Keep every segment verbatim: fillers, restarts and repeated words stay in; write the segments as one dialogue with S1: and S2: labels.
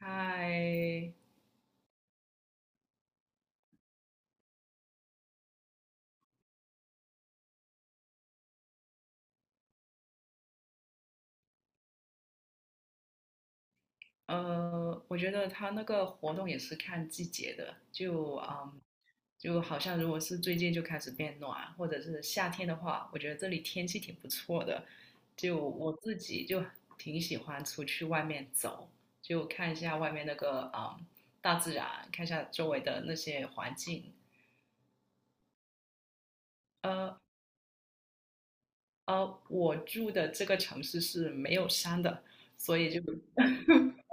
S1: 嗨。呃，我觉得他那个活动也是看季节的，就嗯，就好像如果是最近就开始变暖，或者是夏天的话，我觉得这里天气挺不错的，就我自己就挺喜欢出去外面走，就看一下外面那个嗯大自然，看一下周围的那些环境。呃，呃，我住的这个城市是没有山的，所以就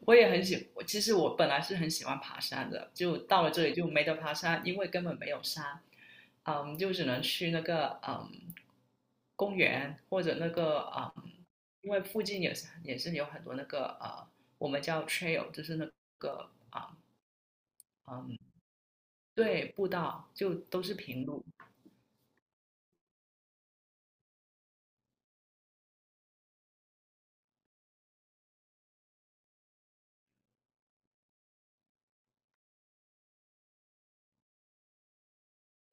S1: 我也很喜，我其实我本来是很喜欢爬山的，就到了这里就没得爬山，因为根本没有山。嗯，就只能去那个嗯公园或者那个嗯，因为附近也是也是有很多那个呃，我们叫 trail,就是那个啊、对，步道，就都是平路。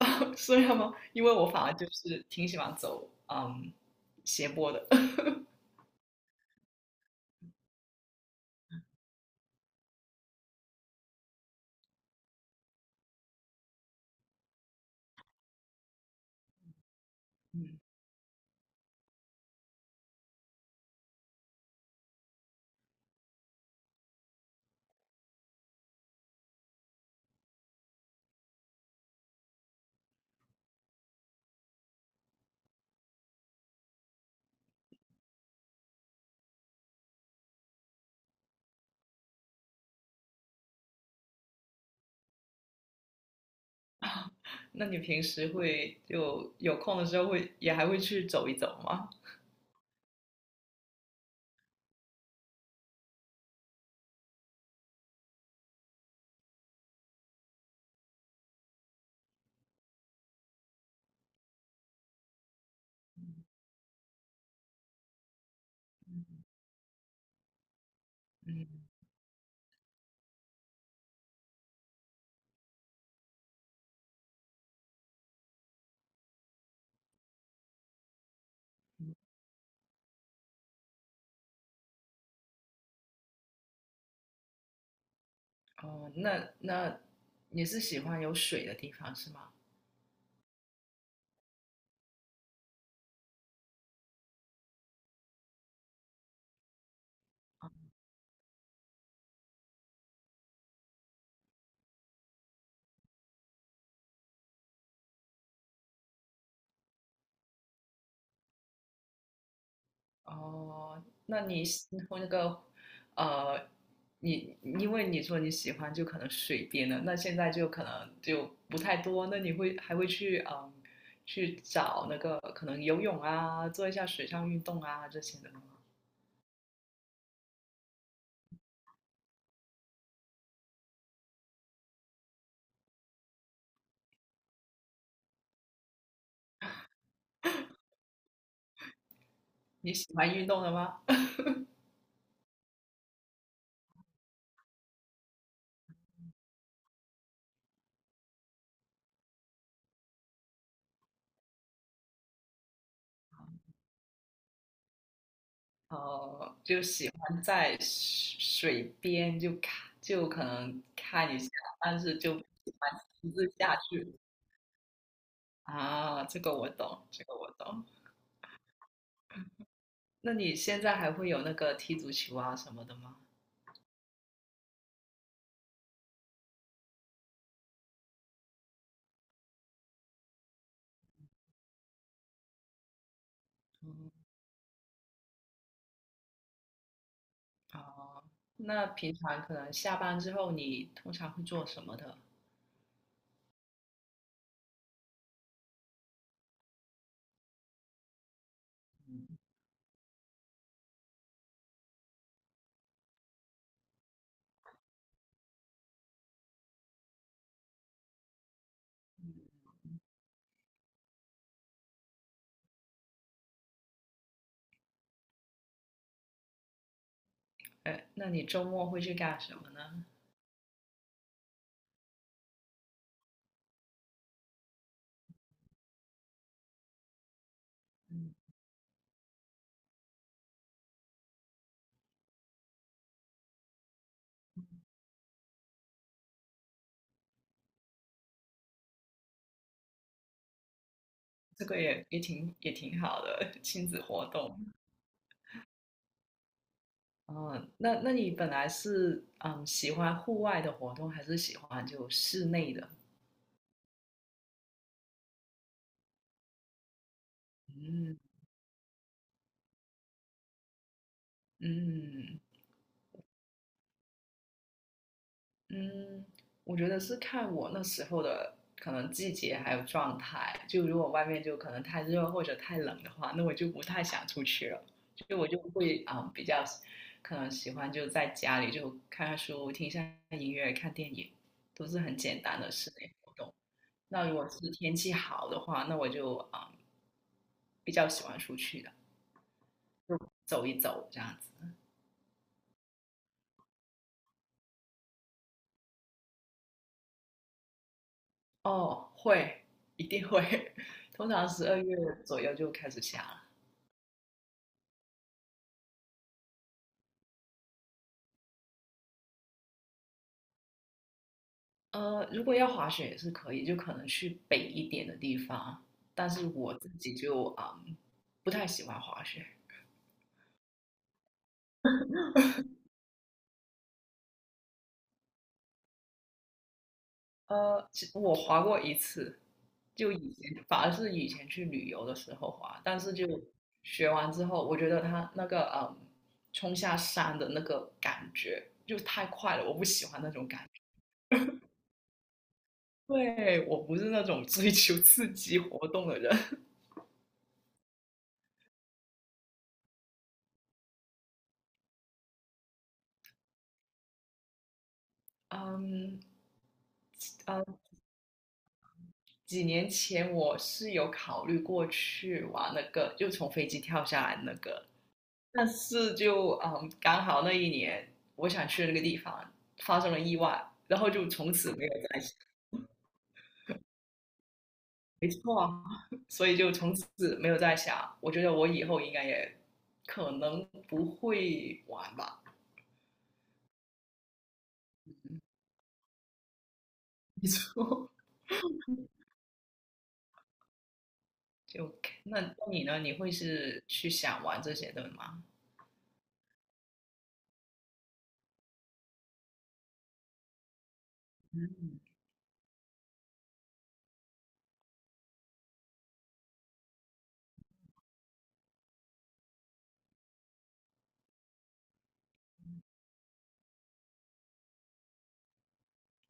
S1: 虽然吗？因为我反而就是挺喜欢走嗯斜坡的。嗯。那你平时会就有空的时候会也还会去走一走吗？哦，那那你是喜欢有水的地方是吗？哦，那你喜那个，呃，你因为你说你喜欢就可能水边的，那现在就可能就不太多，那你会还会去嗯去找那个可能游泳啊，做一下水上运动啊这些的吗？你喜欢运动的吗？哦，就喜欢在水水边就看就可能看一下，但是就不喜欢亲自下去啊，这个我懂，这个我懂。那你现在还会有那个踢足球啊什么的吗？嗯。哦，那平常可能下班之后你通常会做什么的？哎，那你周末会去干什么呢？这个也也挺也挺好的 亲子活动。嗯，那那你本来是嗯喜欢户外的活动，还是喜欢就室内的？嗯嗯嗯，我觉得是看我那时候的可能季节还有状态。就如果外面就可能太热或者太冷的话，那我就不太想出去了。就我就会啊、嗯比较可能喜欢就在家里就看看书、听一下音乐、看电影，都是很简单的室内活动。那如果是天气好的话，那我就啊、嗯比较喜欢出去的，走一走这样子。哦，会，一定会。通常十二月左右就开始下了。呃，如果要滑雪也是可以，就可能去北一点的地方。但是我自己就嗯不太喜欢滑雪。呃，其我滑过一次，就以前反而是以前去旅游的时候滑，但是就学完之后，我觉得他那个嗯冲下山的那个感觉就太快了，我不喜欢那种感觉。对，我不是那种追求刺激活动的人。嗯。嗯几年前我是有考虑过去玩那个，就从飞机跳下来那个，但是就嗯，刚好那一年我想去的那个地方发生了意外，然后就从此没有再想。没错啊，所以就从此没有再想。我觉得我以后应该也可能不会玩吧。没错。就那那你呢？你会是去想玩这些的吗？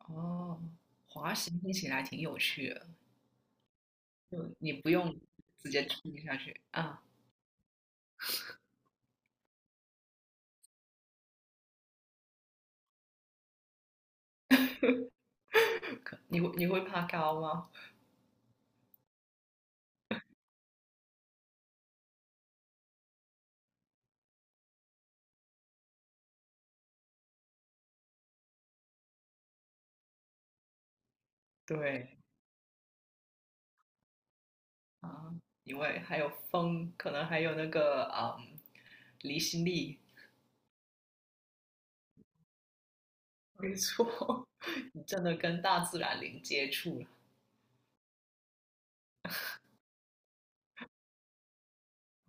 S1: 哦，滑行听起来挺有趣的。就你不用直接踢下去啊。你会你会怕高吗？对。啊，因为还有风，可能还有那个嗯离心力。没错，你真的跟大自然零接触了。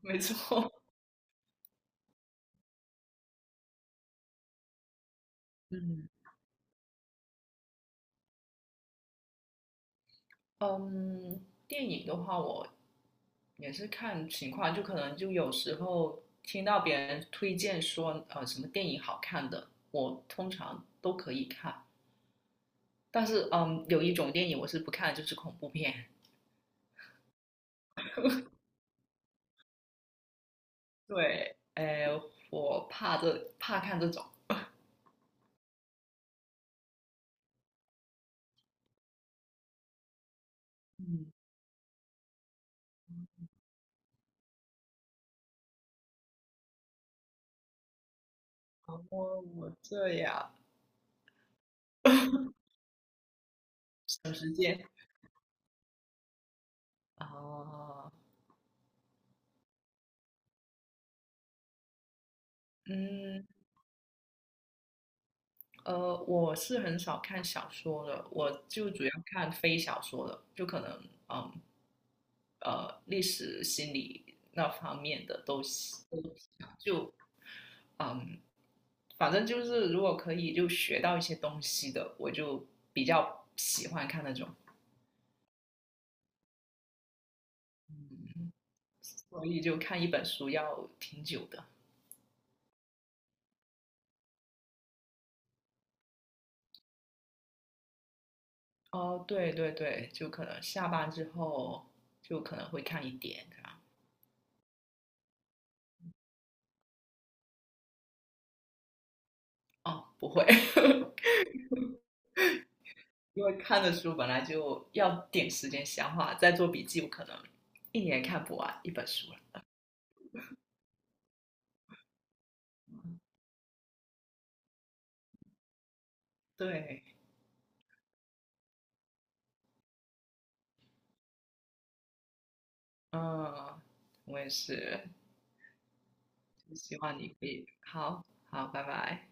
S1: 没错。嗯。嗯，电影的话，我也是看情况，就可能就有时候听到别人推荐说呃什么电影好看的，我通常都可以看。但是嗯，有一种电影我是不看就是恐怖片。对，哎，我怕这怕看这种。嗯，我我这样省时间。啊。嗯，呃，我是很少看小说的，我就主要看非小说的，就可能嗯，呃，历史、心理那方面的都喜。嗯，反正就是如果可以就学到一些东西的，我就比较喜欢看那种。所以就看一本书要挺久的。哦，对对对，就可能下班之后就可能会看一点，这样。哦，不会。因为看的书本来就要点时间消化，再做笔记，不可能一年看不完一本书了。对。嗯，我也是，希望你可以。好，好，拜拜。